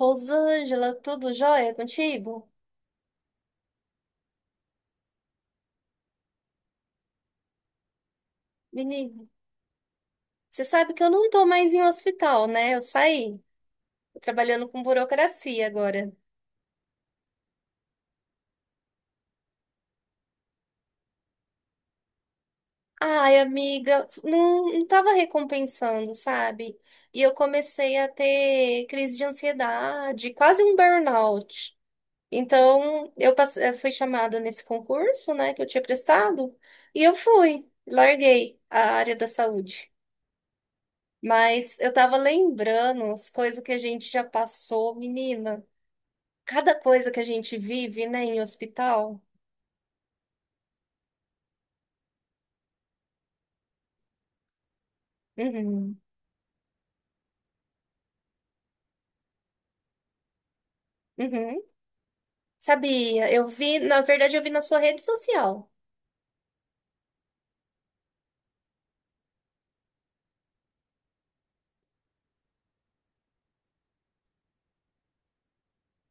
Rosângela, tudo jóia contigo? Menino, você sabe que eu não tô mais em hospital, né? Eu saí. Tô trabalhando com burocracia agora. Ai, amiga, não, não tava recompensando, sabe? E eu comecei a ter crise de ansiedade, quase um burnout. Então, eu fui chamada nesse concurso, né, que eu tinha prestado, e eu fui, larguei a área da saúde. Mas eu tava lembrando as coisas que a gente já passou, menina. Cada coisa que a gente vive, né, em hospital. Uhum, uhum. Sabia, eu vi, na verdade, eu vi na sua rede social.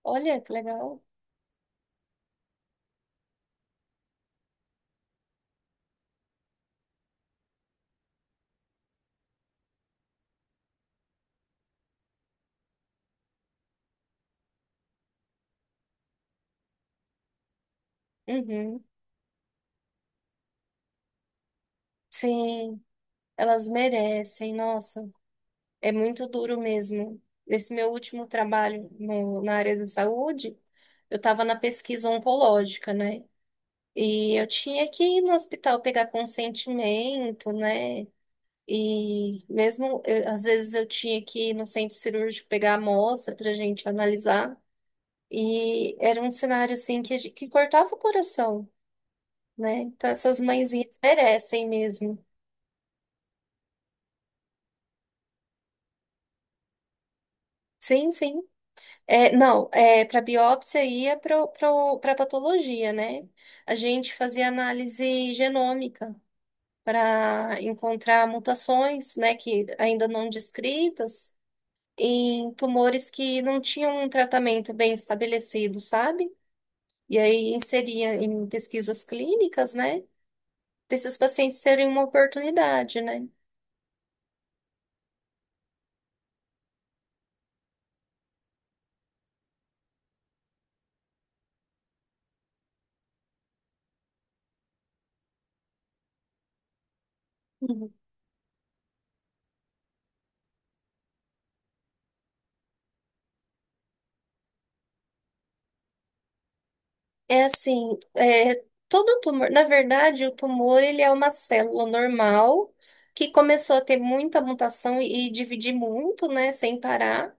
Olha que legal. Uhum. Sim, elas merecem, nossa. É muito duro mesmo. Nesse meu último trabalho na área da saúde, eu estava na pesquisa oncológica, né? E eu tinha que ir no hospital pegar consentimento, né? E mesmo, às vezes eu tinha que ir no centro cirúrgico pegar a amostra para a gente analisar. E era um cenário assim que, que cortava o coração, né? Então essas mãezinhas merecem mesmo. Sim, sim. É, não, é, para biópsia ia para patologia, né? A gente fazia análise genômica para encontrar mutações, né, que ainda não descritas. Em tumores que não tinham um tratamento bem estabelecido, sabe? E aí inseria em pesquisas clínicas, né? Para esses pacientes terem uma oportunidade, né? Uhum. É assim, é, todo tumor, na verdade, o tumor ele é uma célula normal que começou a ter muita mutação e dividir muito, né, sem parar.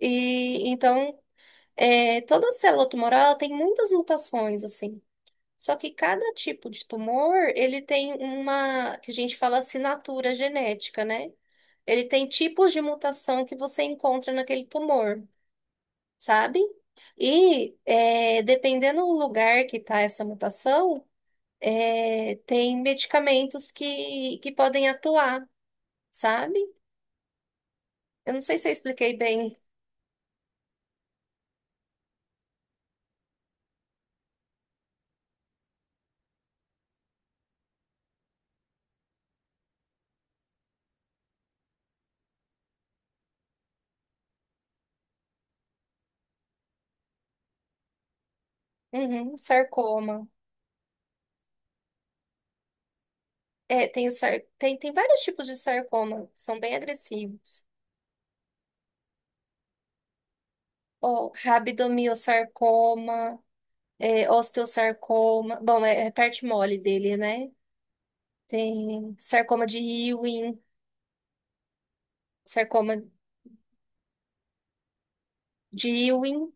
E então, é, toda célula tumoral ela tem muitas mutações, assim. Só que cada tipo de tumor, ele tem uma, que a gente fala assinatura genética, né? Ele tem tipos de mutação que você encontra naquele tumor, sabe? E é, dependendo do lugar que está essa mutação, é, tem medicamentos que podem atuar, sabe? Eu não sei se eu expliquei bem. Uhum, sarcoma. É, tem, tem, tem vários tipos de sarcoma, são bem agressivos. Ó, rabdomiossarcoma. É, osteosarcoma. Bom, é, é parte mole dele, né? Tem sarcoma de Ewing, sarcoma de Ewing.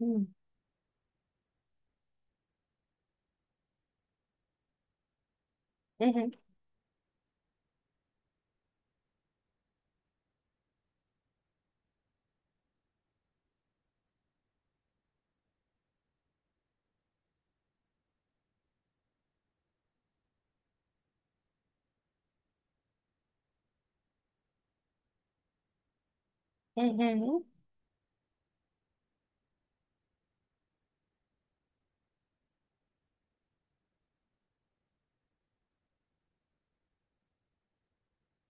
Hum, Uhum, uhum,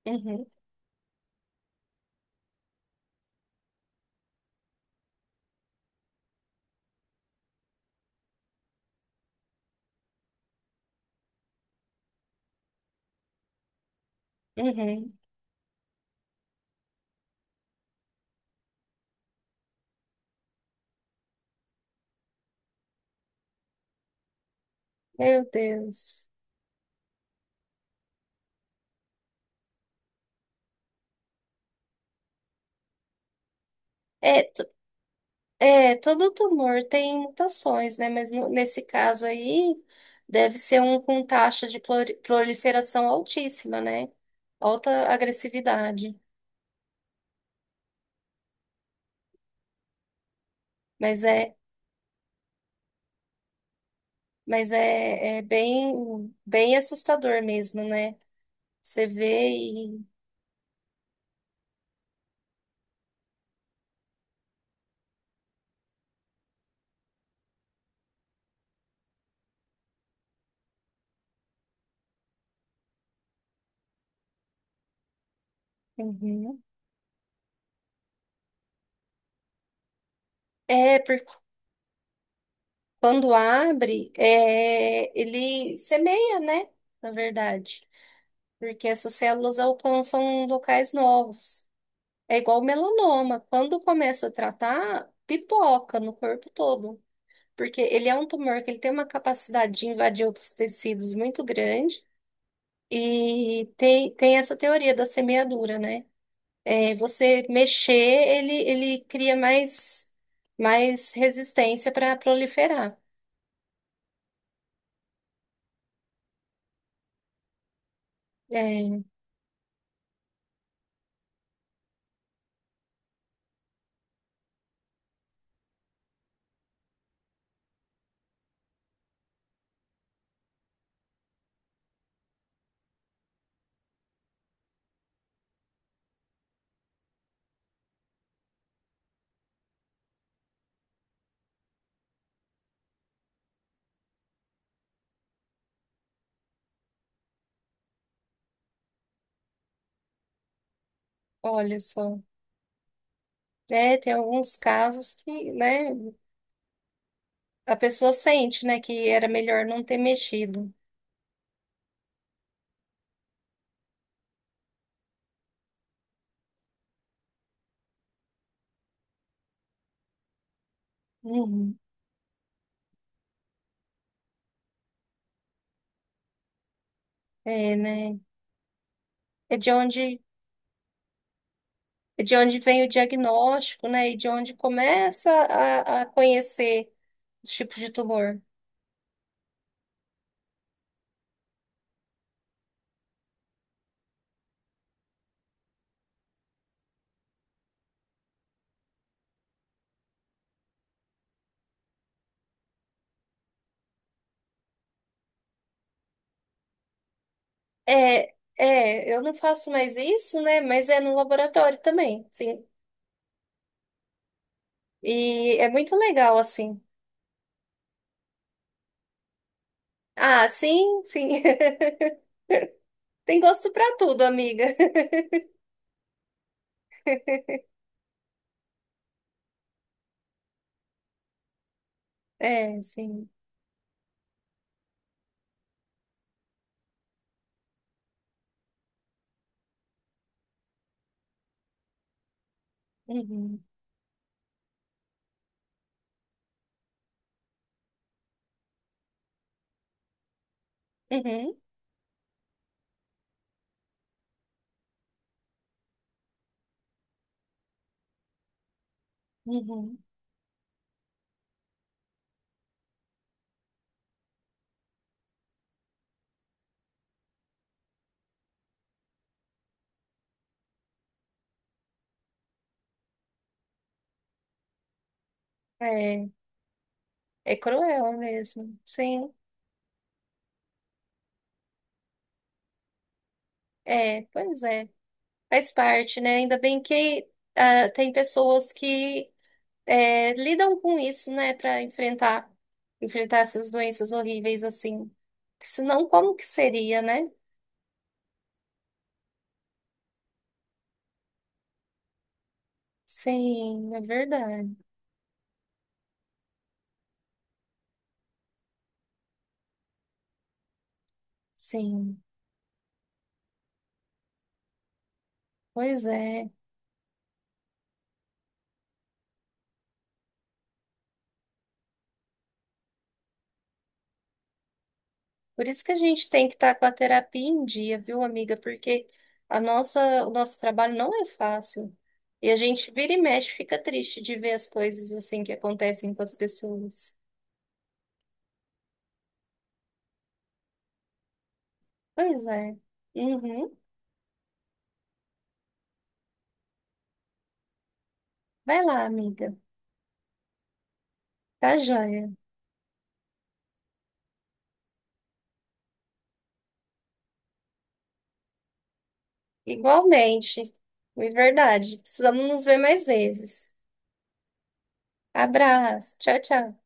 uhum, uhum. Meu Deus. É, t- É, todo tumor tem mutações, né? Mas nesse caso aí, deve ser um com taxa de proliferação altíssima, né? Alta agressividade. Mas é, mas é bem, bem assustador mesmo, né? Você vê e. Uhum. É, porque quando abre, é, ele semeia, né? Na verdade. Porque essas células alcançam locais novos. É igual o melanoma. Quando começa a tratar, pipoca no corpo todo. Porque ele é um tumor que ele tem uma capacidade de invadir outros tecidos muito grande. E tem essa teoria da semeadura, né? É, você mexer, ele cria mais, mais resistência para proliferar. É, olha só. É, tem alguns casos que, né, a pessoa sente, né, que era melhor não ter mexido. Uhum. É, né? É de onde, é de onde vem o diagnóstico, né, e de onde começa a conhecer os tipos de tumor. É, é, eu não faço mais isso, né, mas é no laboratório também. Sim, e é muito legal, assim. Ah, sim, sim. Tem gosto pra tudo, amiga. É, sim. Uhum, uhum, uhum. É, é cruel mesmo. Sim, é, pois é. Faz parte, né? Ainda bem que ah, tem pessoas que é, lidam com isso, né, pra enfrentar, enfrentar essas doenças horríveis assim. Senão, como que seria, né? Sim, é verdade. Sim, pois é. Por isso que a gente tem que estar com a terapia em dia, viu, amiga? Porque a nossa, o nosso trabalho não é fácil. E a gente vira e mexe, fica triste de ver as coisas assim que acontecem com as pessoas. Pois é. Uhum. Vai lá, amiga. Tá joia. Igualmente. É verdade. Precisamos nos ver mais vezes. Abraço. Tchau, tchau.